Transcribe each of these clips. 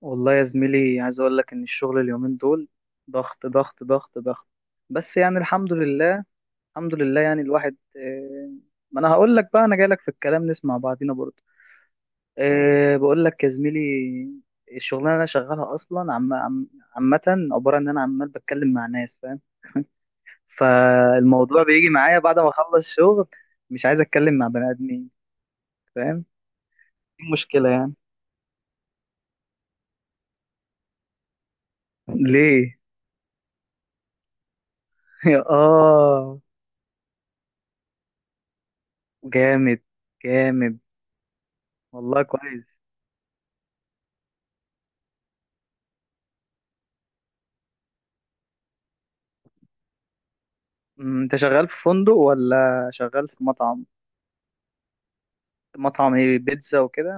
والله يا زميلي، عايز اقول لك ان الشغل اليومين دول ضغط ضغط ضغط ضغط. بس يعني الحمد لله. الحمد لله يعني الواحد ما انا هقول لك بقى، انا جاي لك في الكلام نسمع بعضينا برضه. بقول لك يا زميلي، الشغلانه اللي انا شغالها اصلا عم عم عامه، عباره ان انا عمال بتكلم مع ناس، فاهم؟ فالموضوع بيجي معايا بعد ما اخلص شغل، مش عايز اتكلم مع بني ادمين، فاهم؟ دي مشكله يعني. ليه؟ اه. جامد. جامد والله، كويس. مم، انت شغال في فندق ولا شغال في مطعم؟ مطعم ايه، بيتزا وكده؟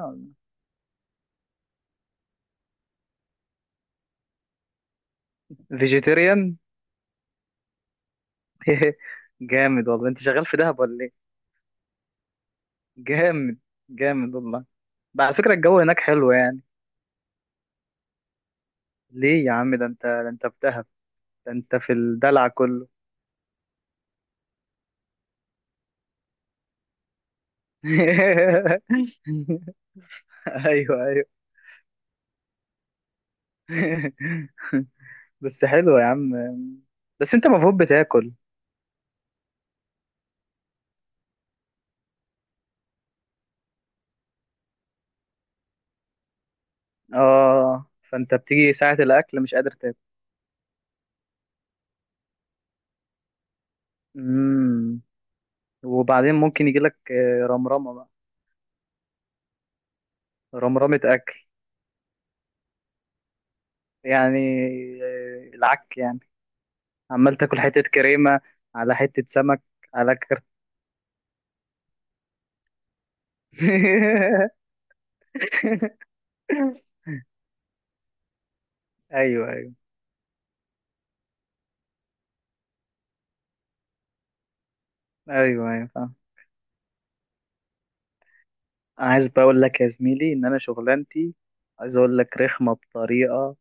فيجيتيريان؟ جامد والله، انت شغال في دهب ولا ايه؟ جامد. جامد والله. بقى على فكرة، الجو هناك حلو يعني؟ ليه يا عم؟ ده انت في دهب، ده انت في الدلع كله. ايوه ايوه. بس حلو يا عم. بس انت المفروض بتاكل. اه، فانت بتيجي ساعة الاكل مش قادر تاكل؟ مم. وبعدين ممكن يجي لك رمرمه بقى. رمرمه اكل، يعني العك يعني، عمال تاكل حته كريمه على حته سمك، على كرت. ايوه ايوه. ايوه ايوه فاهم. انا عايز بقى اقول لك يا زميلي ان انا شغلانتي، عايز اقول لك، رخمه بطريقه.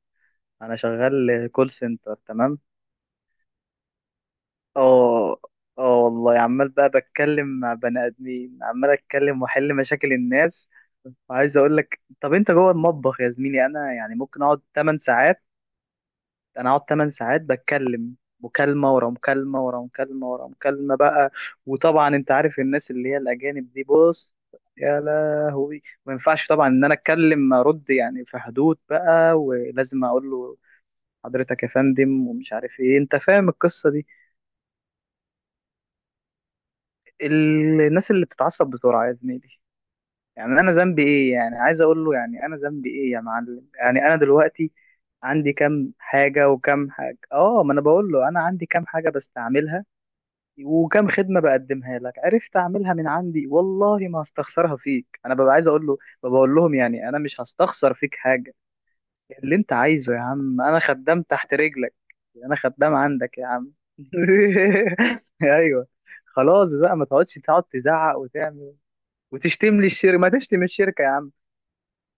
انا شغال كول سنتر، تمام؟ اه. اه والله، عمال بقى بتكلم مع بني ادمين، عمال اتكلم واحل مشاكل الناس. عايز اقول لك، طب انت جوه المطبخ يا زميلي، انا يعني ممكن اقعد 8 ساعات. انا اقعد 8 ساعات بتكلم مكالمة ورا مكالمة ورا مكالمة ورا مكالمة بقى. وطبعا انت عارف الناس اللي هي الاجانب دي، بص، يا لهوي. ما ينفعش طبعا ان انا اتكلم ارد، يعني في حدود بقى، ولازم اقول له حضرتك يا فندم ومش عارف ايه، انت فاهم القصة دي؟ الناس اللي بتتعصب بسرعة يا زميلي، يعني انا ذنبي ايه؟ يعني عايز اقول له يعني انا ذنبي ايه يا معلم؟ يعني انا دلوقتي عندي كام حاجه وكام حاجه، اه، ما انا بقول له انا عندي كام حاجه بستعملها وكام خدمه بقدمها لك، عرفت اعملها من عندي، والله ما هستخسرها فيك. انا ببقى عايز اقول له، بقول لهم يعني انا مش هستخسر فيك حاجه، اللي انت عايزه يا عم، انا خدام تحت رجلك، انا خدام عندك يا عم. ايوه. خلاص بقى، ما تقعدش تقعد تزعق وتعمل وتشتم لي الشركه. ما تشتم الشركه يا عم،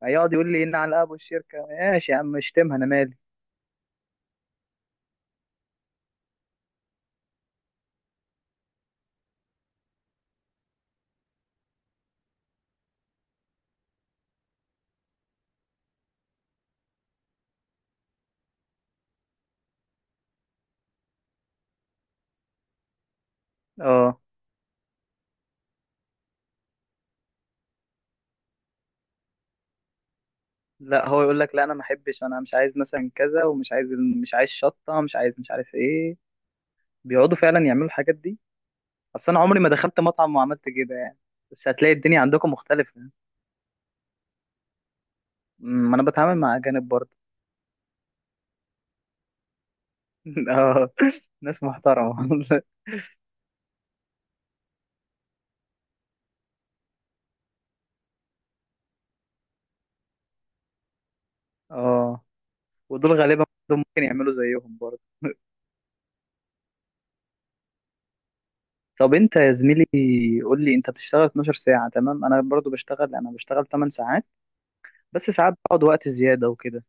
هيقعد يقول لي ان على الاب والشركه ماشي يا عم، اشتمها انا مالي. اه، لا، هو يقول لك لا انا ما احبش، انا مش عايز مثلا كذا ومش عايز، مش عايز شطه، مش عايز، مش عارف ايه. بيقعدوا فعلا يعملوا الحاجات دي. اصل انا عمري ما دخلت مطعم وعملت كده يعني. بس هتلاقي الدنيا عندكم مختلفه. أمم، ما انا بتعامل مع اجانب برضه. اه. ناس محترمه. اه، ودول غالبا برضه ممكن يعملوا زيهم برضه. طب انت يا زميلي، قول لي، انت بتشتغل 12 ساعه، تمام؟ انا برضه بشتغل، انا بشتغل 8 ساعات، بس ساعات بقعد وقت زيادة وكده.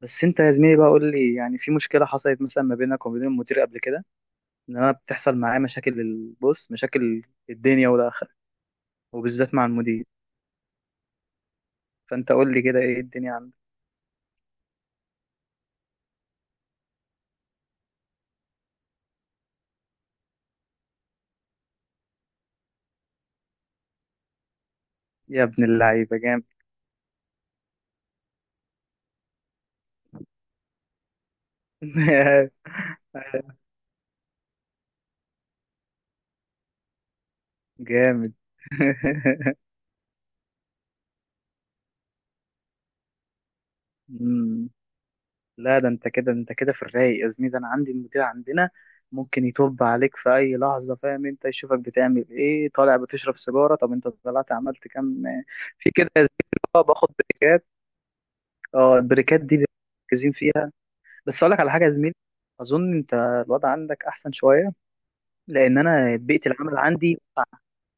بس انت يا زميلي بقى قول لي، يعني في مشكلة حصلت مثلا ما بينك وما بين المدير قبل كده؟ ان انا بتحصل معايا مشاكل البص، مشاكل الدنيا والاخرة، وبالذات مع المدير، فانت قول لي كده ايه الدنيا عندك. يا ابن اللعيبة، جامد. جامد. مم. لا، ده انت كده، انت كده في الرايق يا زميلي. ده انا عندي المدير عندنا ممكن يطب عليك في اي لحظه، فاهم؟ انت يشوفك بتعمل ايه، طالع بتشرب سيجاره، طب انت طلعت عملت كام؟ في كده يا زميلي. اه باخد بريكات. اه، البريكات دي مركزين فيها. بس اقول لك على حاجه يا زميلي، اظن انت الوضع عندك احسن شويه، لان انا بيئه العمل عندي.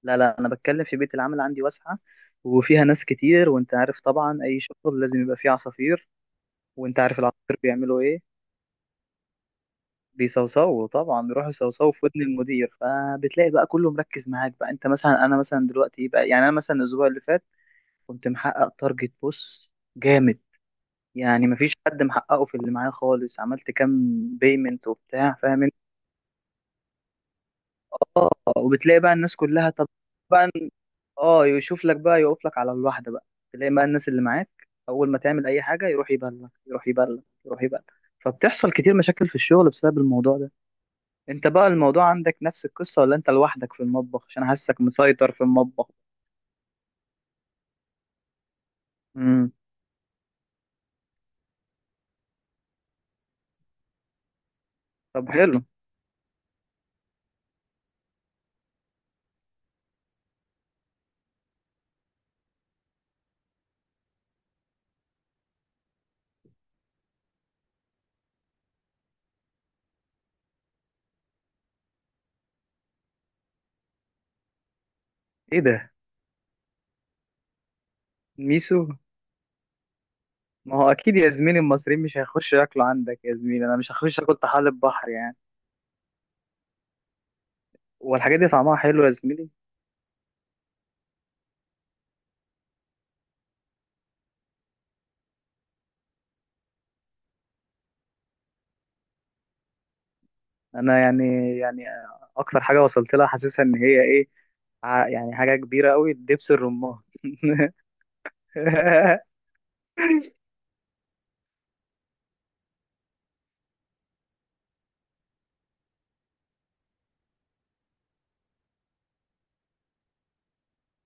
لا لا، انا بتكلم في بيئه العمل عندي واسعه، وفيها ناس كتير. وانت عارف طبعا اي شغل لازم يبقى فيه عصافير. وانت عارف العصافير بيعملوا ايه، بيصوصوا طبعا. بيروحوا يصوصوا في ودن المدير، فبتلاقي بقى كله مركز معاك بقى. انت مثلا، انا مثلا دلوقتي بقى، يعني انا مثلا الاسبوع اللي فات كنت محقق تارجت، بص، جامد، يعني مفيش حد محققه في اللي معايا خالص، عملت كام بيمنت وبتاع، فاهم انت؟ اه. وبتلاقي بقى الناس كلها، طب بقى، اه، يشوف لك بقى، يقف لك على الواحده بقى. تلاقي بقى الناس اللي معاك، اول ما تعمل اي حاجه يروح يبلغ، يروح يبلغ، يروح يبلغ. فبتحصل كتير مشاكل في الشغل بسبب الموضوع ده. انت بقى الموضوع عندك نفس القصة، ولا انت لوحدك في المطبخ عشان حاسك مسيطر في المطبخ؟ امم. طب حلو. ايه ده، ميسو؟ ما هو اكيد يا زميلي المصريين مش هيخشوا ياكلوا عندك يا زميلي، انا مش هخش اكل طحالب بحر يعني. والحاجات دي طعمها حلو يا زميلي؟ انا يعني، يعني اكتر حاجة وصلت لها حاسسها ان هي ايه، يعني حاجة كبيرة قوي، دبس الرمان.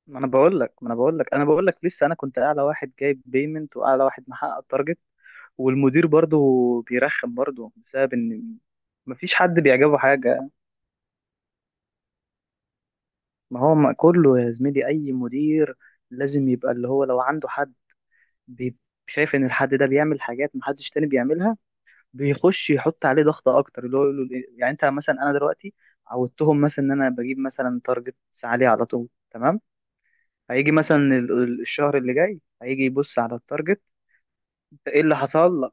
ما انا بقول لك ما انا بقول لك انا بقول لك لسه، انا كنت اعلى واحد جايب بيمنت، واعلى واحد محقق. والمدير برضه بيرخم برضه بسبب ان مفيش حد بيعجبه حاجة. ما هو ما كله يا زميلي، اي مدير لازم يبقى اللي هو لو عنده حد بي- شايف ان الحد ده بيعمل حاجات محدش تاني بيعملها، بيخش يحط عليه ضغط اكتر، اللي هو يقول له يعني انت مثلا، انا دلوقتي عودتهم مثلا ان انا بجيب مثلا تارجت عليه على طول، تمام؟ هيجي مثلا الشهر اللي جاي، هيجي يبص على التارجت، إنت ايه اللي حصل،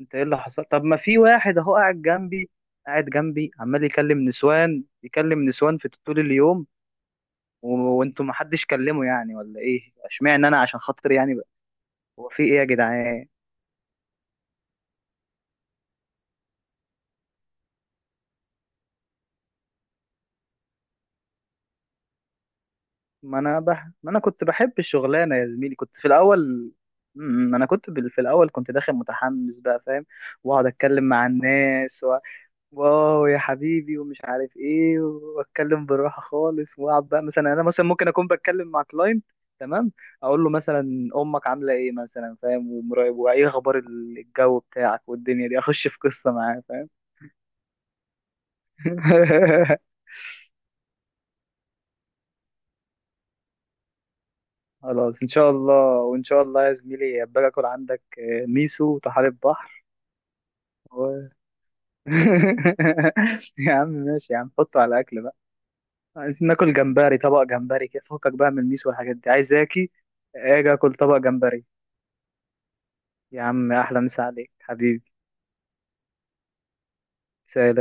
انت ايه اللي حصل؟ طب ما في واحد اهو قاعد جنبي، قاعد جنبي عمال يكلم نسوان، يكلم نسوان في طول اليوم. وانتوا ما حدش كلمه يعني ولا ايه؟ اشمعنى انا عشان خاطر يعني بقى، هو في ايه يا جدعان؟ ما انا كنت بحب الشغلانه يا زميلي، كنت في الاول. م- م، انا كنت في الاول كنت داخل متحمس بقى، فاهم؟ واقعد اتكلم مع الناس، واو يا حبيبي، ومش عارف ايه، واتكلم بالراحه خالص، واقعد بقى مثلا، انا مثلا ممكن اكون بتكلم مع كلاينت، تمام، اقول له مثلا امك عامله ايه مثلا، فاهم، ومراقب، وايه اخبار الجو بتاعك والدنيا دي، اخش في قصه معاه، فاهم؟ خلاص، ان شاء الله. وان شاء الله يا زميلي ابقى اكل عندك ميسو وطحالب بحر و... يا عم ماشي يا عم، حطه على الاكل، عايزين ناكل جمبري، طبق جمبري كده، فكك بقى من الميس والحاجات دي، عايز اكل، اجي اكل طبق جمبري. يا عم، احلى مسا عليك حبيبي. سلام.